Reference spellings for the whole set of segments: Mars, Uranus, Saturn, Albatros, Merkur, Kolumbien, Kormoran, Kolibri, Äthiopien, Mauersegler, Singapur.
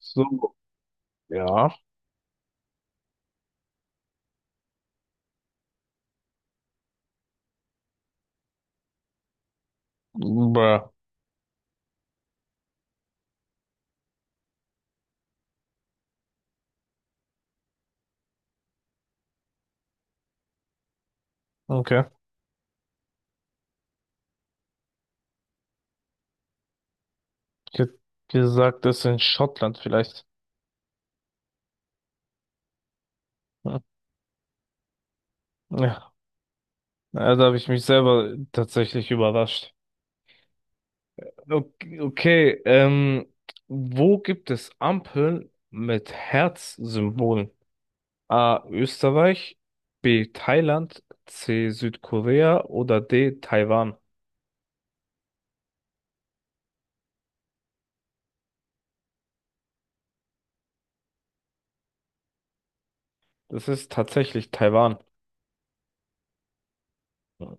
So, ja. Bruh. Okay. Ich hätte gesagt, das ist in Schottland vielleicht. Hm. Ja. Also habe ich mich selber tatsächlich überrascht. Okay, okay, wo gibt es Ampeln mit Herzsymbolen? A. Österreich, B. Thailand, C. Südkorea oder D. Taiwan? Das ist tatsächlich Taiwan. Hm,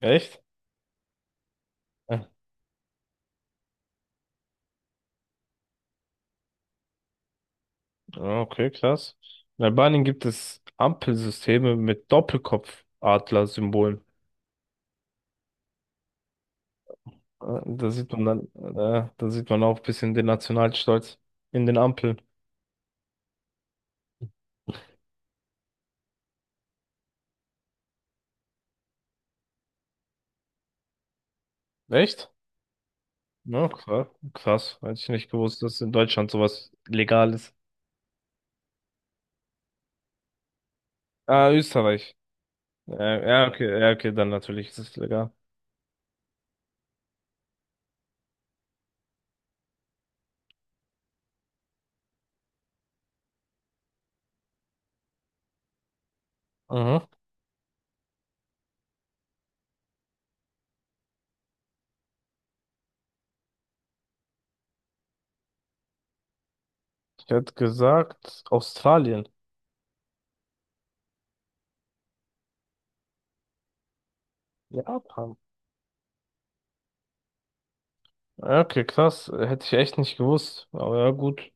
echt? Ah, okay, krass. In Albanien gibt es Ampelsysteme mit Doppelkopfadler-Symbolen. Ah, da sieht man dann, da sieht man auch ein bisschen den Nationalstolz in den Ampeln. Echt? Ja, krass. Krass. Hätte ich nicht gewusst, dass in Deutschland sowas legal ist. Ah, Österreich. Ja, ja, okay, ja, okay, dann natürlich ist es legal. Mhm. Ich hätte gesagt, Australien. Japan. Ja, okay, krass. Hätte ich echt nicht gewusst. Aber ja, gut.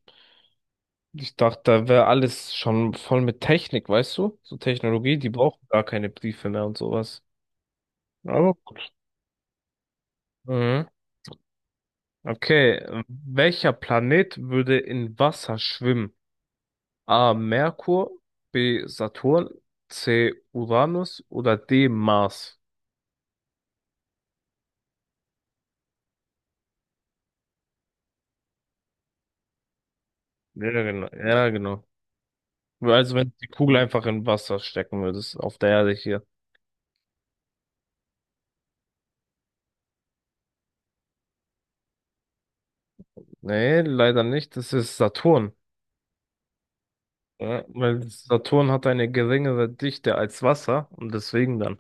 Ich dachte, da wäre alles schon voll mit Technik, weißt du? So Technologie, die brauchen gar keine Briefe mehr und sowas. Aber gut. Mhm. Okay, welcher Planet würde in Wasser schwimmen? A. Merkur, B. Saturn, C. Uranus oder D. Mars? Ja, genau. Ja, genau. Also wenn du die Kugel einfach in Wasser stecken würdest, auf der Erde hier. Nee, leider nicht. Das ist Saturn. Ja, weil Saturn hat eine geringere Dichte als Wasser und deswegen dann.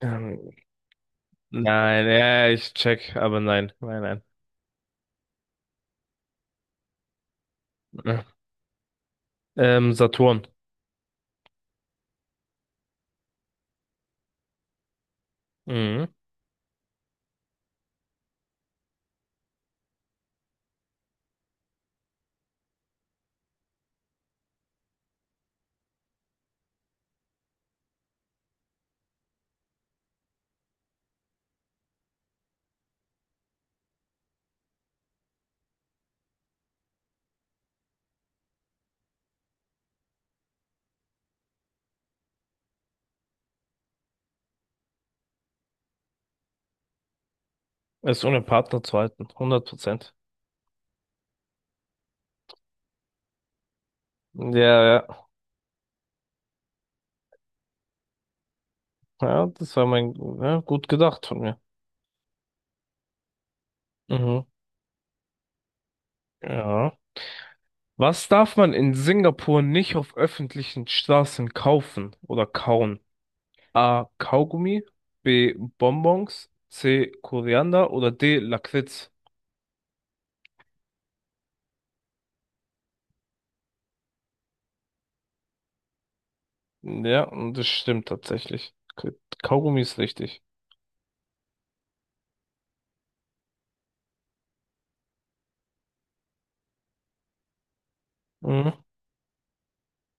Ähm, nein, ja, ich check, aber nein, nein, nein. Saturn. Mhm. Ist ohne Partner zu halten, 100%. Ja, ja, ja, das war mein, ja, gut gedacht von mir. Mhm. Ja. Was darf man in Singapur nicht auf öffentlichen Straßen kaufen oder kauen? A. Kaugummi, B. Bonbons, C. Koriander oder D. Lakritz. Ja, und das stimmt tatsächlich. Kaugummi ist richtig. Mhm.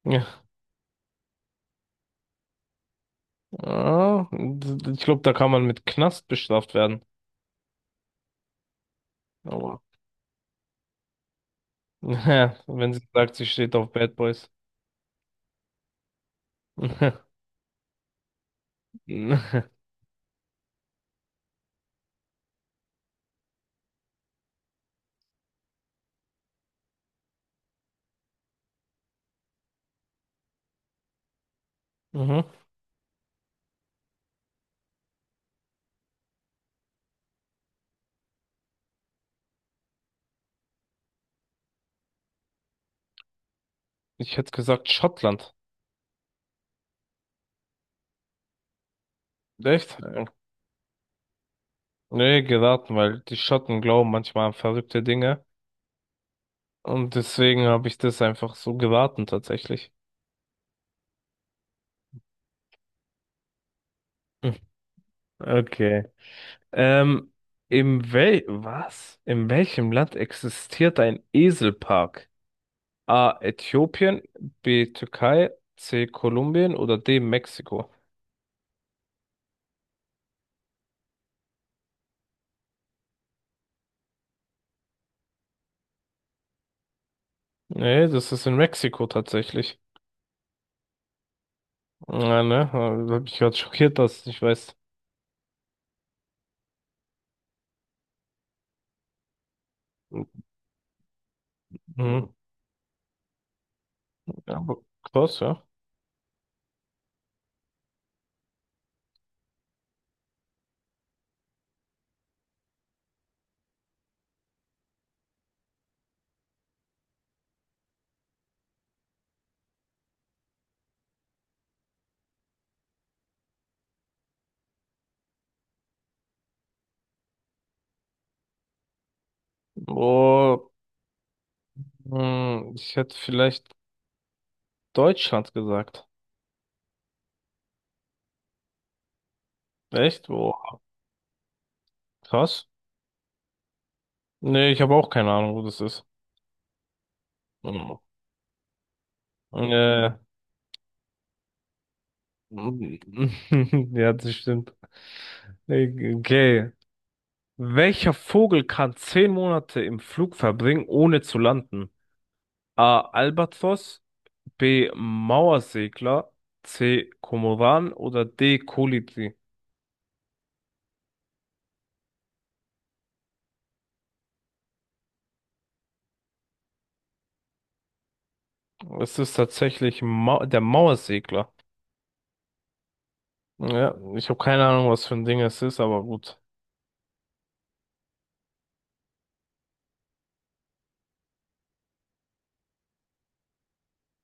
Ja, ich glaube, da kann man mit Knast bestraft werden. Aber wenn sie sagt, sie steht auf Bad Boys. Mhm. Ich hätte gesagt Schottland. Echt? Ja. Nee, geraten, weil die Schotten glauben manchmal an verrückte Dinge. Und deswegen habe ich das einfach so geraten, tatsächlich. Hm. Okay. Ähm, im Wel was? In welchem Land existiert ein Eselpark? A. Äthiopien, B. Türkei, C. Kolumbien oder D. Mexiko? Nee, das ist in Mexiko tatsächlich. Ja, ne? Da hab ich gerade schockiert, dass ich nicht weiß. Mhm. Ja, aber krass, ja. Oh, hm, ich hätte vielleicht Deutschland gesagt. Echt? Oh, krass. Nee, ich habe auch keine Ahnung, wo das ist. Mhm. Äh, ja, das stimmt. Okay. Welcher Vogel kann 10 Monate im Flug verbringen, ohne zu landen? A. Albatros, B. Mauersegler, C. Kormoran oder D. Kolibri? Es ist tatsächlich Mau der Mauersegler. Ja, ich habe keine Ahnung, was für ein Ding es ist, aber gut.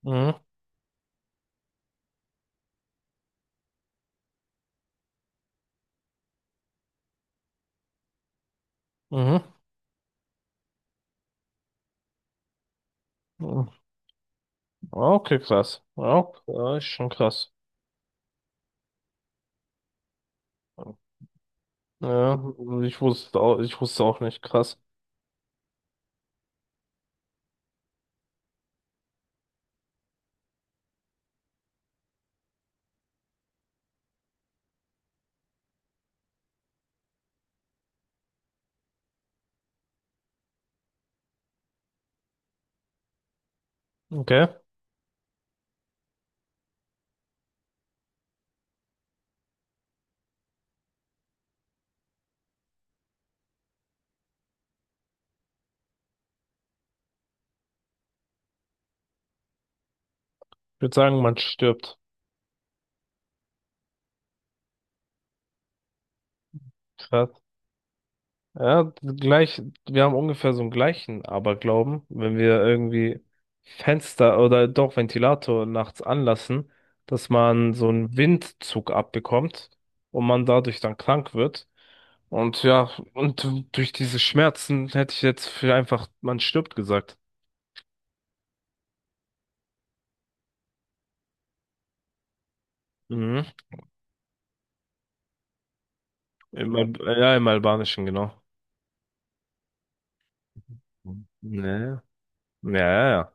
Mhm, mhm. Mhm. Okay, krass. Ja, ja, ist schon krass. Ja, ich wusste auch nicht. Krass. Okay. Ich würde sagen, man stirbt. Krass. Ja, gleich, wir haben ungefähr so einen gleichen Aberglauben, wenn wir irgendwie Fenster oder doch Ventilator nachts anlassen, dass man so einen Windzug abbekommt und man dadurch dann krank wird. Und ja, und durch diese Schmerzen hätte ich jetzt für einfach, man stirbt gesagt. Mhm. Im, Al- ja, im Albanischen, genau. Nee. Ja, ja, ja.